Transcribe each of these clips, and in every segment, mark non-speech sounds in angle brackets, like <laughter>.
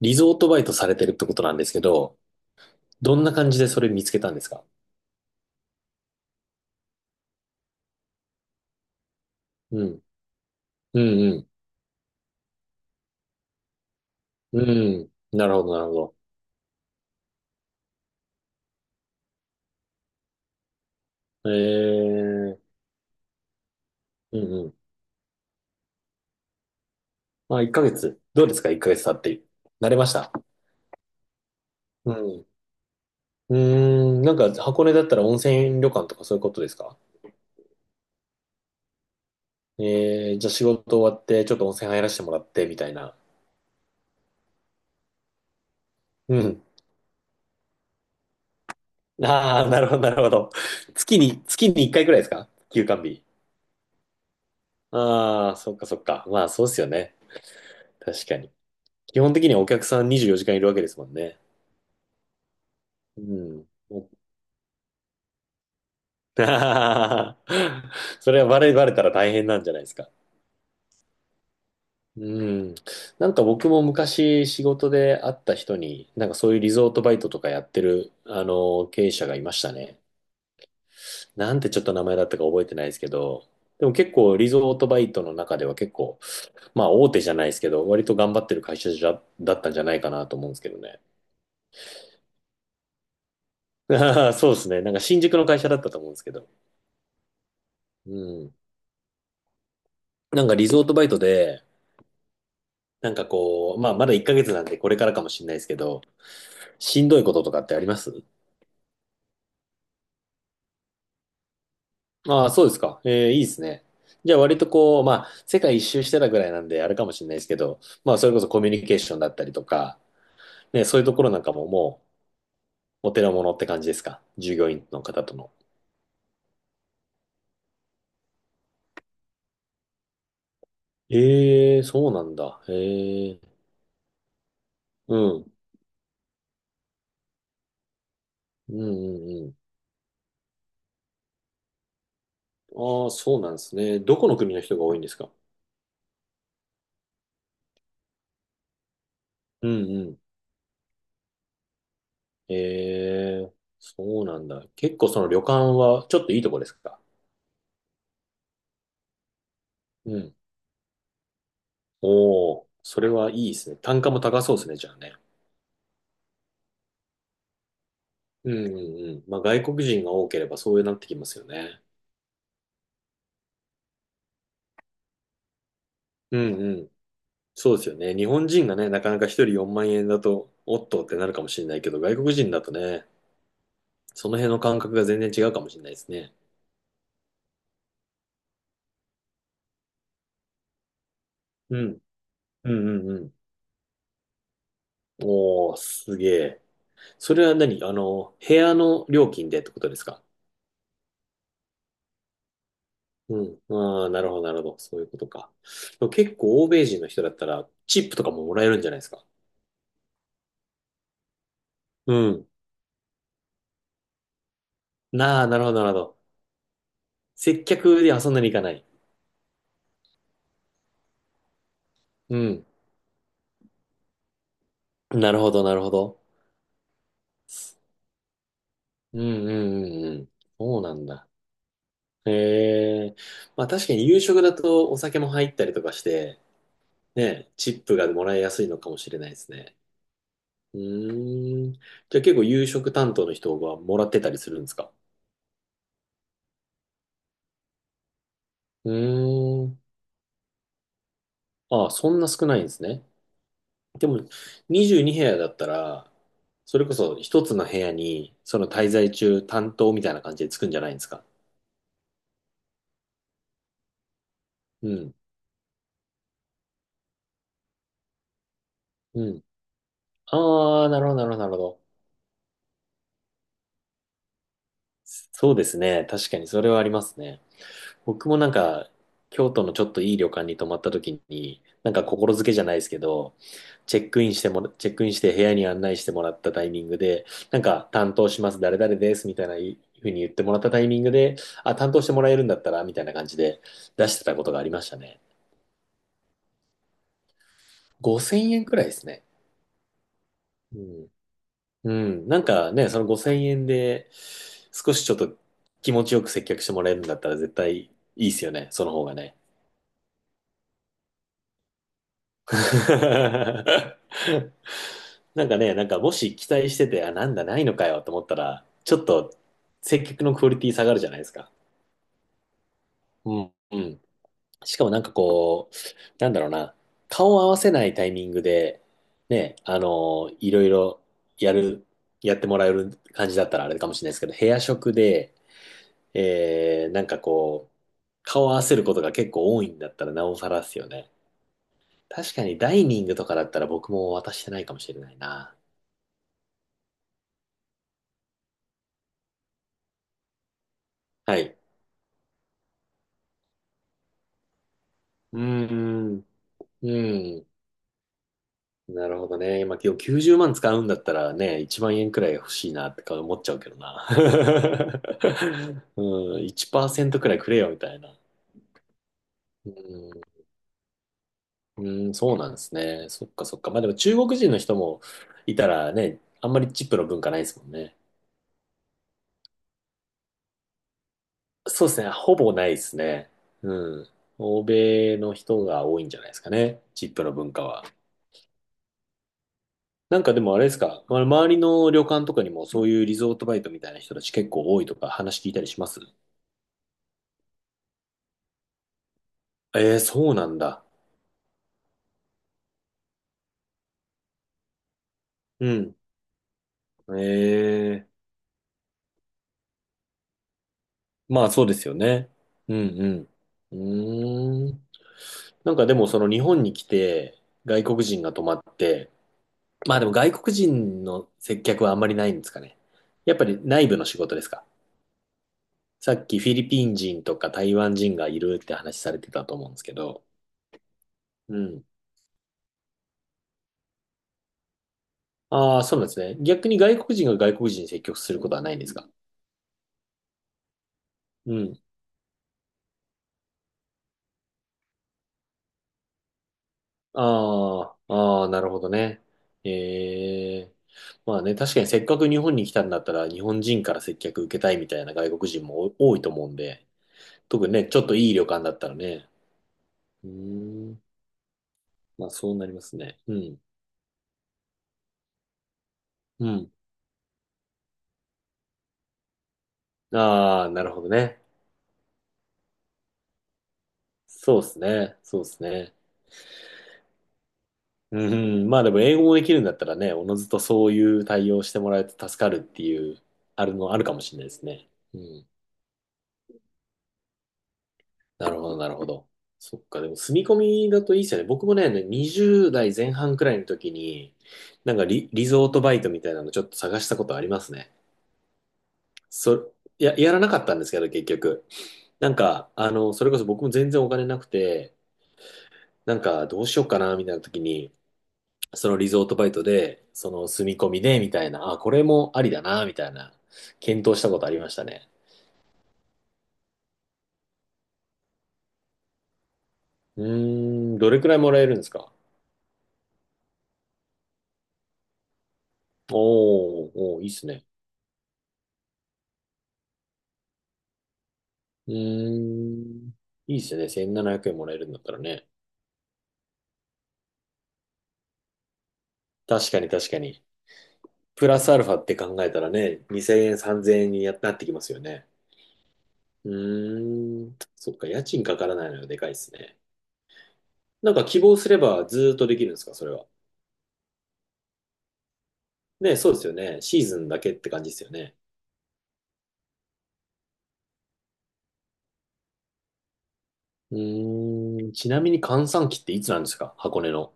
リゾートバイトされてるってことなんですけど、どんな感じでそれ見つけたんですか？うん。うんうん。うん。なるほど、なるほど。ええ、うんうん。まあ、1ヶ月。どうですか？ 1 ヶ月経って。慣れました？うん。うーん。なんか、箱根だったら温泉旅館とかそういうことですか？ええ、じゃあ仕事終わって、ちょっと温泉入らせてもらって、みたいな。うん。ああ、なるほど、なるほど。月に1回くらいですか？休館日。ああ、そっかそっか。まあ、そうっすよね。確かに。基本的にはお客さん24時間いるわけですもんね。うん。<laughs> それはバレたら大変なんじゃないですか？うん。なんか僕も昔仕事で会った人に、なんかそういうリゾートバイトとかやってる、経営者がいましたね。なんてちょっと名前だったか覚えてないですけど、でも結構リゾートバイトの中では結構、まあ大手じゃないですけど、割と頑張ってる会社じゃ、だったんじゃないかなと思うんですけどね。<laughs> そうですね。なんか新宿の会社だったと思うんですけど。うん。なんかリゾートバイトで、なんかこう、まあまだ1ヶ月なんでこれからかもしれないですけど、しんどいこととかってあります？ああ、そうですか。いいですね。じゃあ割とこう、まあ世界一周してたぐらいなんであれかもしれないですけど、まあそれこそコミュニケーションだったりとか、ね、そういうところなんかもうお手の物って感じですか？従業員の方との。ええ、そうなんだ。ええ、うん。うんうんうん。ああ、そうなんですね。どこの国の人が多いんですか？うんうん。ええ、そうなんだ。結構その旅館はちょっといいとこですか？うん。おお、それはいいですね。単価も高そうですね、じゃあね。うんうんうん。まあ外国人が多ければそうなってきますよね。うんうん。そうですよね。日本人がね、なかなか一人4万円だと、おっとってなるかもしれないけど、外国人だとね、その辺の感覚が全然違うかもしれないですね。うん。うんうんうん。おー、すげえ。それは何、部屋の料金でってことですか？うん。ああ、なるほど、なるほど。そういうことか。でも結構欧米人の人だったら、チップとかももらえるんじゃないですか。うん。なあ、なるほど、なるほど。接客で遊んでに行かない。うん。なるほど、なるほど。うん、うん、うん、うん。そうなんだ。へえ。まあ確かに夕食だとお酒も入ったりとかして、ね、チップがもらいやすいのかもしれないですね。うーん。じゃあ結構夕食担当の人がもらってたりするんですか？うーん。ああ、そんな少ないんですね。でも、22部屋だったら、それこそ一つの部屋に、その滞在中担当みたいな感じでつくんじゃないんですか？うん。うん。ああ、なるほど、なるほど、なるほど。そうですね。確かにそれはありますね。僕もなんか、京都のちょっといい旅館に泊まった時に、なんか心づけじゃないですけど、チェックインして部屋に案内してもらったタイミングで、なんか担当します、誰々ですみたいない風に言ってもらったタイミングで、あ、担当してもらえるんだったらみたいな感じで出してたことがありましたね。5000円くらいですね。うん。うん。なんかね、その5000円で少しちょっと気持ちよく接客してもらえるんだったら絶対いいですよね。その方がね。<laughs> なんかね、なんかもし期待してて、あ、なんだ、ないのかよと思ったら、ちょっと接客のクオリティ下がるじゃないですか。うん。うん。しかもなんかこう、なんだろうな、顔を合わせないタイミングで、ね、あのいろいろやる、やってもらえる感じだったらあれかもしれないですけど、部屋食で、なんかこう、顔を合わせることが結構多いんだったらなおさらですよね。確かにダイニングとかだったら僕も渡してないかもしれないな。はい。うーん。うん。なるほどね。まあ、今日90万使うんだったらね、1万円くらい欲しいなってか思っちゃうけどな。<laughs> うん、1%くらいくれよみたいな。うん、うん、そうなんですね。そっかそっか。まあでも中国人の人もいたらね、あんまりチップの文化ないですもんね。そうですね。ほぼないですね。うん。欧米の人が多いんじゃないですかね。チップの文化は。なんかでもあれですか、ま周りの旅館とかにもそういうリゾートバイトみたいな人たち結構多いとか話聞いたりします？ええ、そうなんだ。うん。ええ、まあそうですよね。うんうん。うーん。なんかでもその日本に来て外国人が泊まって、まあでも外国人の接客はあんまりないんですかね。やっぱり内部の仕事ですか。さっきフィリピン人とか台湾人がいるって話されてたと思うんですけど。うん。ああ、そうなんですね。逆に外国人が外国人に接客することはないんですか？うん。ああ、ああ、なるほどね。ええ。まあね、確かにせっかく日本に来たんだったら、日本人から接客受けたいみたいな外国人も多いと思うんで、特にね、ちょっといい旅館だったらね。うーん。まあそうなりますね。うん。うん。ああ、なるほどね。そうですね。そうですね。うん。まあでも英語もできるんだったらね、おのずとそういう対応してもらえて助かるっていう、あるの、あるかもしれないですね。うん。なるほど、なるほど。そっか、でも住み込みだといいっすよね。僕もね、20代前半くらいの時に、なんかリゾートバイトみたいなのちょっと探したことありますね。そ、やらなかったんですけど、結局。なんか、あの、それこそ僕も全然お金なくて、なんかどうしようかな、みたいな時に、そのリゾートバイトで、その住み込みで、みたいな、あ、これもありだな、みたいな、検討したことありましたね。うーん、どれくらいもらえるんですか？おー、おー、いいっすね。うーん。いいっすよね。1700円もらえるんだったらね。確かに確かに。プラスアルファって考えたらね、2000円、3000円にやなってきますよね。うーん。そっか、家賃かからないのがでかいっすね。なんか希望すればずーっとできるんですか、それは？ね、そうですよね。シーズンだけって感じですよね。うーん。ちなみに閑散期っていつなんですか、箱根の？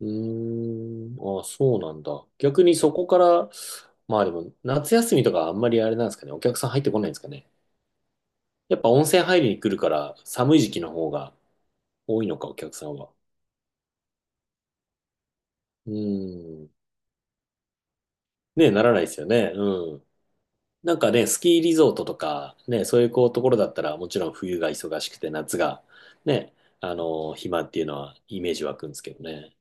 うーん。あ、そうなんだ。逆にそこから、まあでも、夏休みとかあんまりあれなんですかね。お客さん入ってこないんですかね。やっぱ温泉入りに来るから寒い時期の方が多いのか、お客さんは。うーん。ね、ならないですよね。うん。なんかね、スキーリゾートとか、ね、そういうこうところだったら、もちろん冬が忙しくて夏が、ね、暇っていうのはイメージ湧くんですけどね。